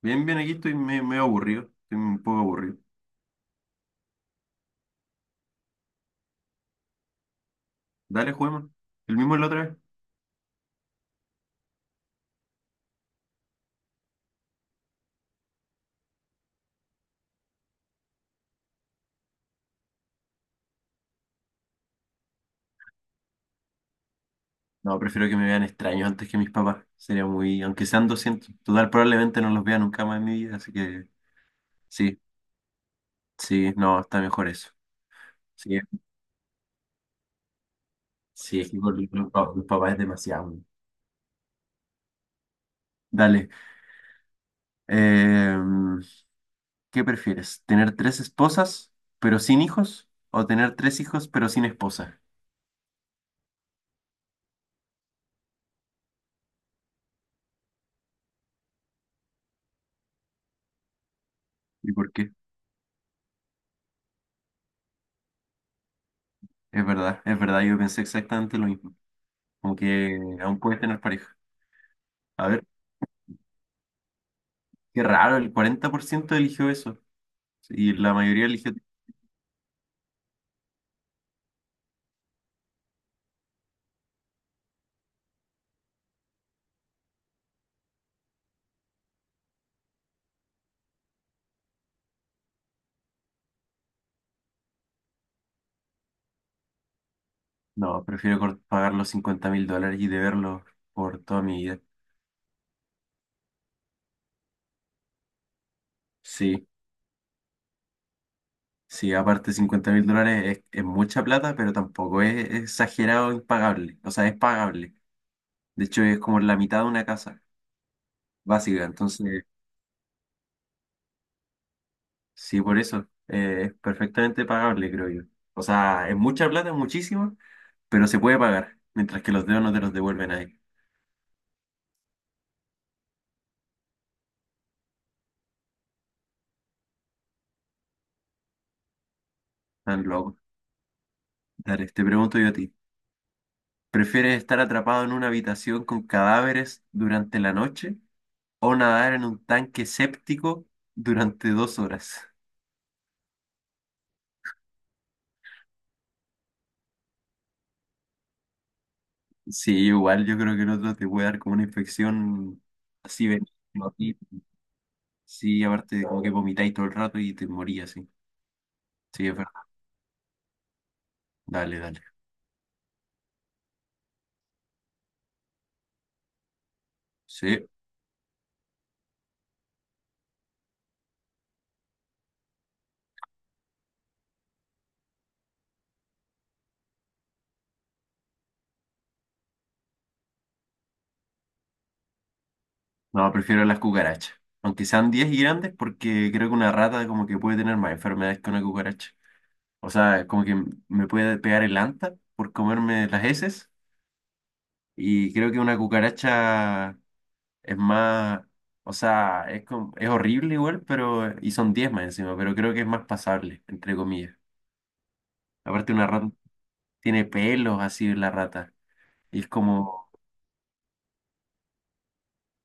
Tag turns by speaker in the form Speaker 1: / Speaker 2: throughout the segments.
Speaker 1: Bien, bien, aquí estoy medio aburrido. Estoy un poco aburrido. Dale, juguemos. ¿El mismo de la otra vez? No, prefiero que me vean extraño antes que mis papás. Sería muy. Aunque sean 200. Total, probablemente no los vea nunca más en mi vida, así que. Sí, sí, no, está mejor eso. Sí, sí, es que con los, los papás es demasiado. Dale. eh, ¿Qué prefieres? ¿Tener tres esposas, pero sin hijos? ¿O tener tres hijos, pero sin esposa? ¿Y por qué? Es verdad, yo pensé exactamente lo mismo. Aunque aún puedes tener pareja. A ver. Qué raro, el 40% eligió eso. Y la mayoría eligió. No, prefiero pagar los 50 mil dólares y deberlos por toda mi vida. Sí, sí, aparte 50 mil dólares es mucha plata, pero tampoco es exagerado impagable. O sea, es pagable. De hecho, es como la mitad de una casa básica. Entonces, sí, por eso es perfectamente pagable, creo yo. O sea, es mucha plata, muchísimo, pero se puede pagar. Mientras que los dedos no te los devuelven ahí. Tan loco. Dale, te pregunto yo a ti. ¿Prefieres estar atrapado en una habitación con cadáveres durante la noche o nadar en un tanque séptico durante 2 horas? Sí, igual yo creo que el otro te puede dar como una infección así benigna a ti. Sí, aparte como que vomitáis todo el rato y te morías, sí. Sí, es verdad. Dale, dale. Sí. No, prefiero las cucarachas. Aunque sean 10 y grandes, porque creo que una rata como que puede tener más enfermedades que una cucaracha. O sea, como que me puede pegar el anta por comerme las heces. Y creo que una cucaracha es más, o sea, es, es horrible igual, pero, y son 10 más encima, pero creo que es más pasable, entre comillas. Aparte una rata tiene pelos así la rata. Y es como,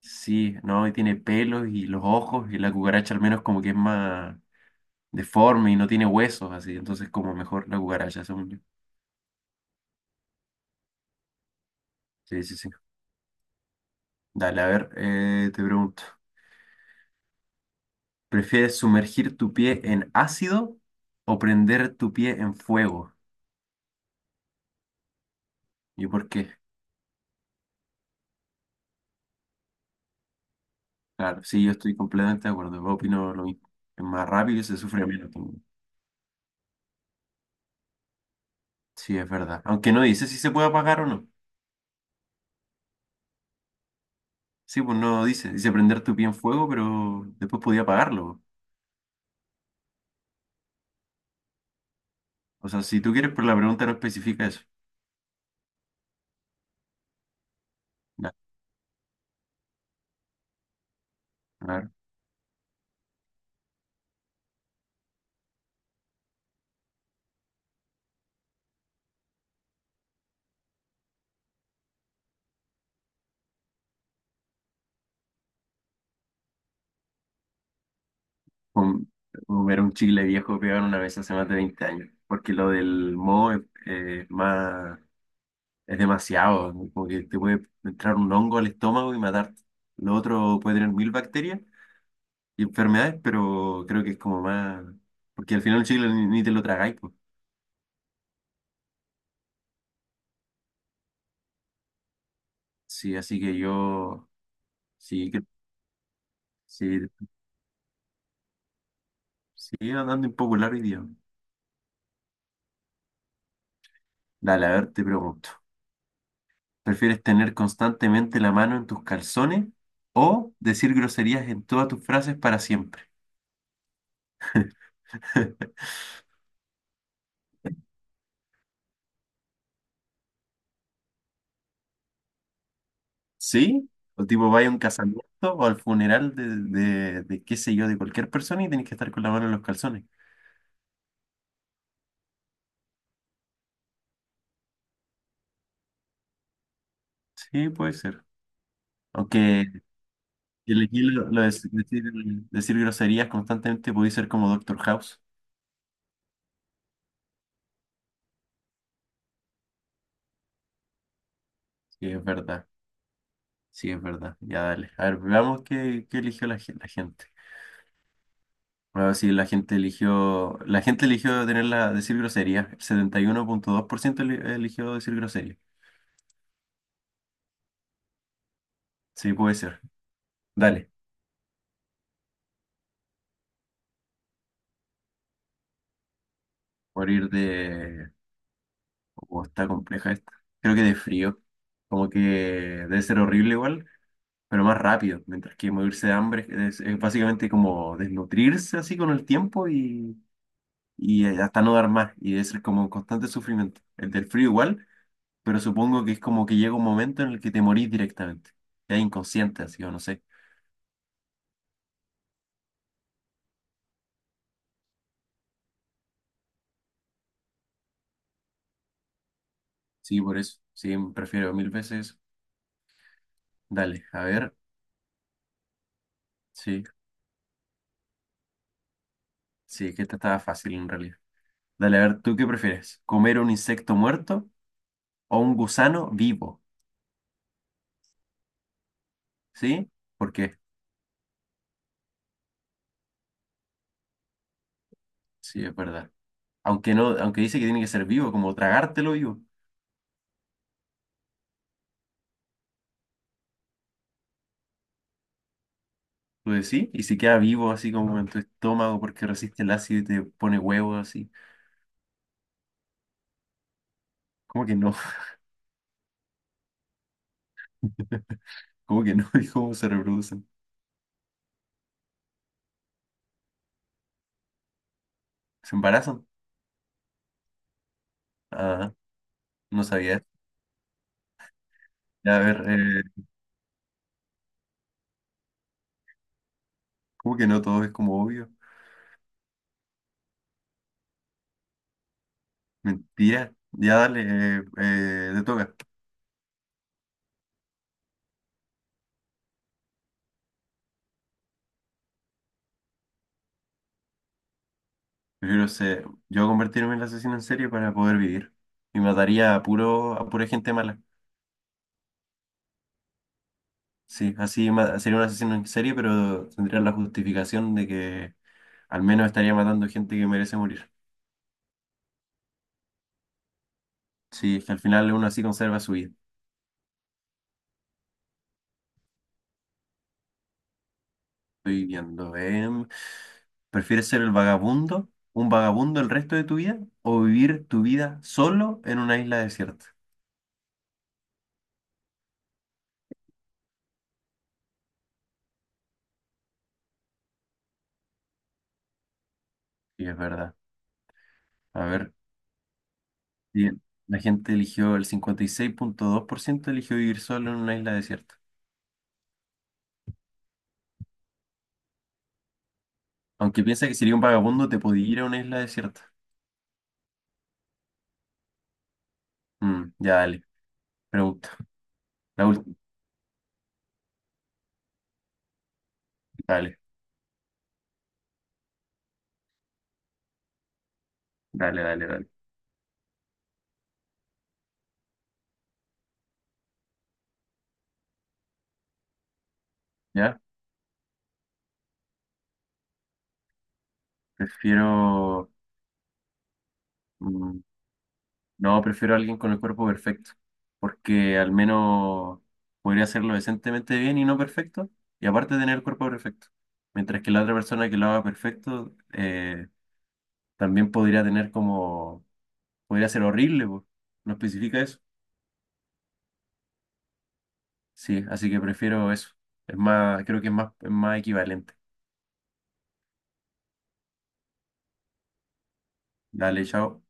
Speaker 1: sí, ¿no? Y tiene pelos y los ojos, y la cucaracha al menos como que es más deforme y no tiene huesos así, entonces como mejor la cucaracha, según yo. Sí, sí, sí. Dale, a ver, te pregunto, ¿prefieres sumergir tu pie en ácido o prender tu pie en fuego? ¿Y por qué? Claro, sí, yo estoy completamente de acuerdo. Yo opino lo mismo. Es más rápido y se sufre menos también. Sí, es verdad. Aunque no dice si se puede apagar o no. Sí, pues no dice. Dice prender tu pie en fuego, pero después podía apagarlo. O sea, si tú quieres, pero la pregunta no especifica eso. Ya, claro. Com- Comer un chile viejo pegado una vez hace más de 20 años. Porque lo del moho es más, es demasiado. ¿No? Como que te puede entrar un hongo al estómago y matarte. Lo otro puede tener mil bacterias y enfermedades, pero creo que es como más, porque al final el chicle ni te lo tragáis, pues. Sí, así que yo, sí, que, sí, sí, andando impopular hoy día. Dale, a ver, te pregunto, ¿prefieres tener constantemente la mano en tus calzones o decir groserías en todas tus frases para siempre? ¿Sí? O tipo, vaya a un casamiento o al funeral de qué sé yo, de cualquier persona y tenés que estar con la mano en los calzones. Sí, puede ser. Aunque y elegir lo de decir groserías constantemente puede ser como Doctor House. Sí, es verdad. Sí, es verdad. Ya dale. A ver, veamos qué eligió la gente. Bueno, sí, la gente eligió. La gente eligió tener decir groserías. El 71.2% eligió decir groserías. Sí, puede ser. Dale. Por ir de. Oh, está compleja esta. Creo que de frío. Como que debe ser horrible igual. Pero más rápido, mientras que morirse de hambre es básicamente como desnutrirse así con el tiempo y hasta no dar más, y es como un constante sufrimiento. El del frío igual, pero supongo que es como que llega un momento en el que te morís directamente, ya inconsciente así o no sé. Sí, por eso, sí, prefiero mil veces eso. Dale, a ver, sí, sí, que esta estaba fácil en realidad. Dale, a ver, ¿tú qué prefieres? ¿Comer un insecto muerto o un gusano vivo? ¿Sí? ¿Por qué? Sí, es verdad. Aunque no, aunque dice que tiene que ser vivo, como tragártelo vivo. Tú decís, y si queda vivo así como en tu estómago porque resiste el ácido y te pone huevos así. ¿Cómo que no? ¿Cómo que no? ¿Y cómo se reproducen? ¿Se embarazan? Ah, no sabía eso. Ya, a ver, ¿cómo que no? Todo es como obvio. Mentira. Ya dale, te toca. Prefiero ser, yo convertirme en asesino en serie para poder vivir. Y mataría a puro, a pura gente mala. Sí, así sería un asesino en serie, pero tendría la justificación de que al menos estaría matando gente que merece morir. Sí, es que al final uno así conserva su vida. Estoy viendo, ¿prefieres ser el vagabundo, un vagabundo el resto de tu vida, o vivir tu vida solo en una isla desierta? Sí, es verdad. A ver, bien. La gente eligió, el 56.2% eligió vivir solo en una isla desierta. Aunque piensa que sería un vagabundo, te podía ir a una isla desierta. Mm, ya dale, pregunta. La última, dale. Dale, dale, dale. ¿Ya? Prefiero... mm, no, prefiero a alguien con el cuerpo perfecto, porque al menos podría hacerlo decentemente bien y no perfecto, y aparte tener el cuerpo perfecto. Mientras que la otra persona que lo haga perfecto, también podría tener como... Podría ser horrible, po. No especifica eso. Sí, así que prefiero eso. Es más, creo que es más equivalente. Dale, chao.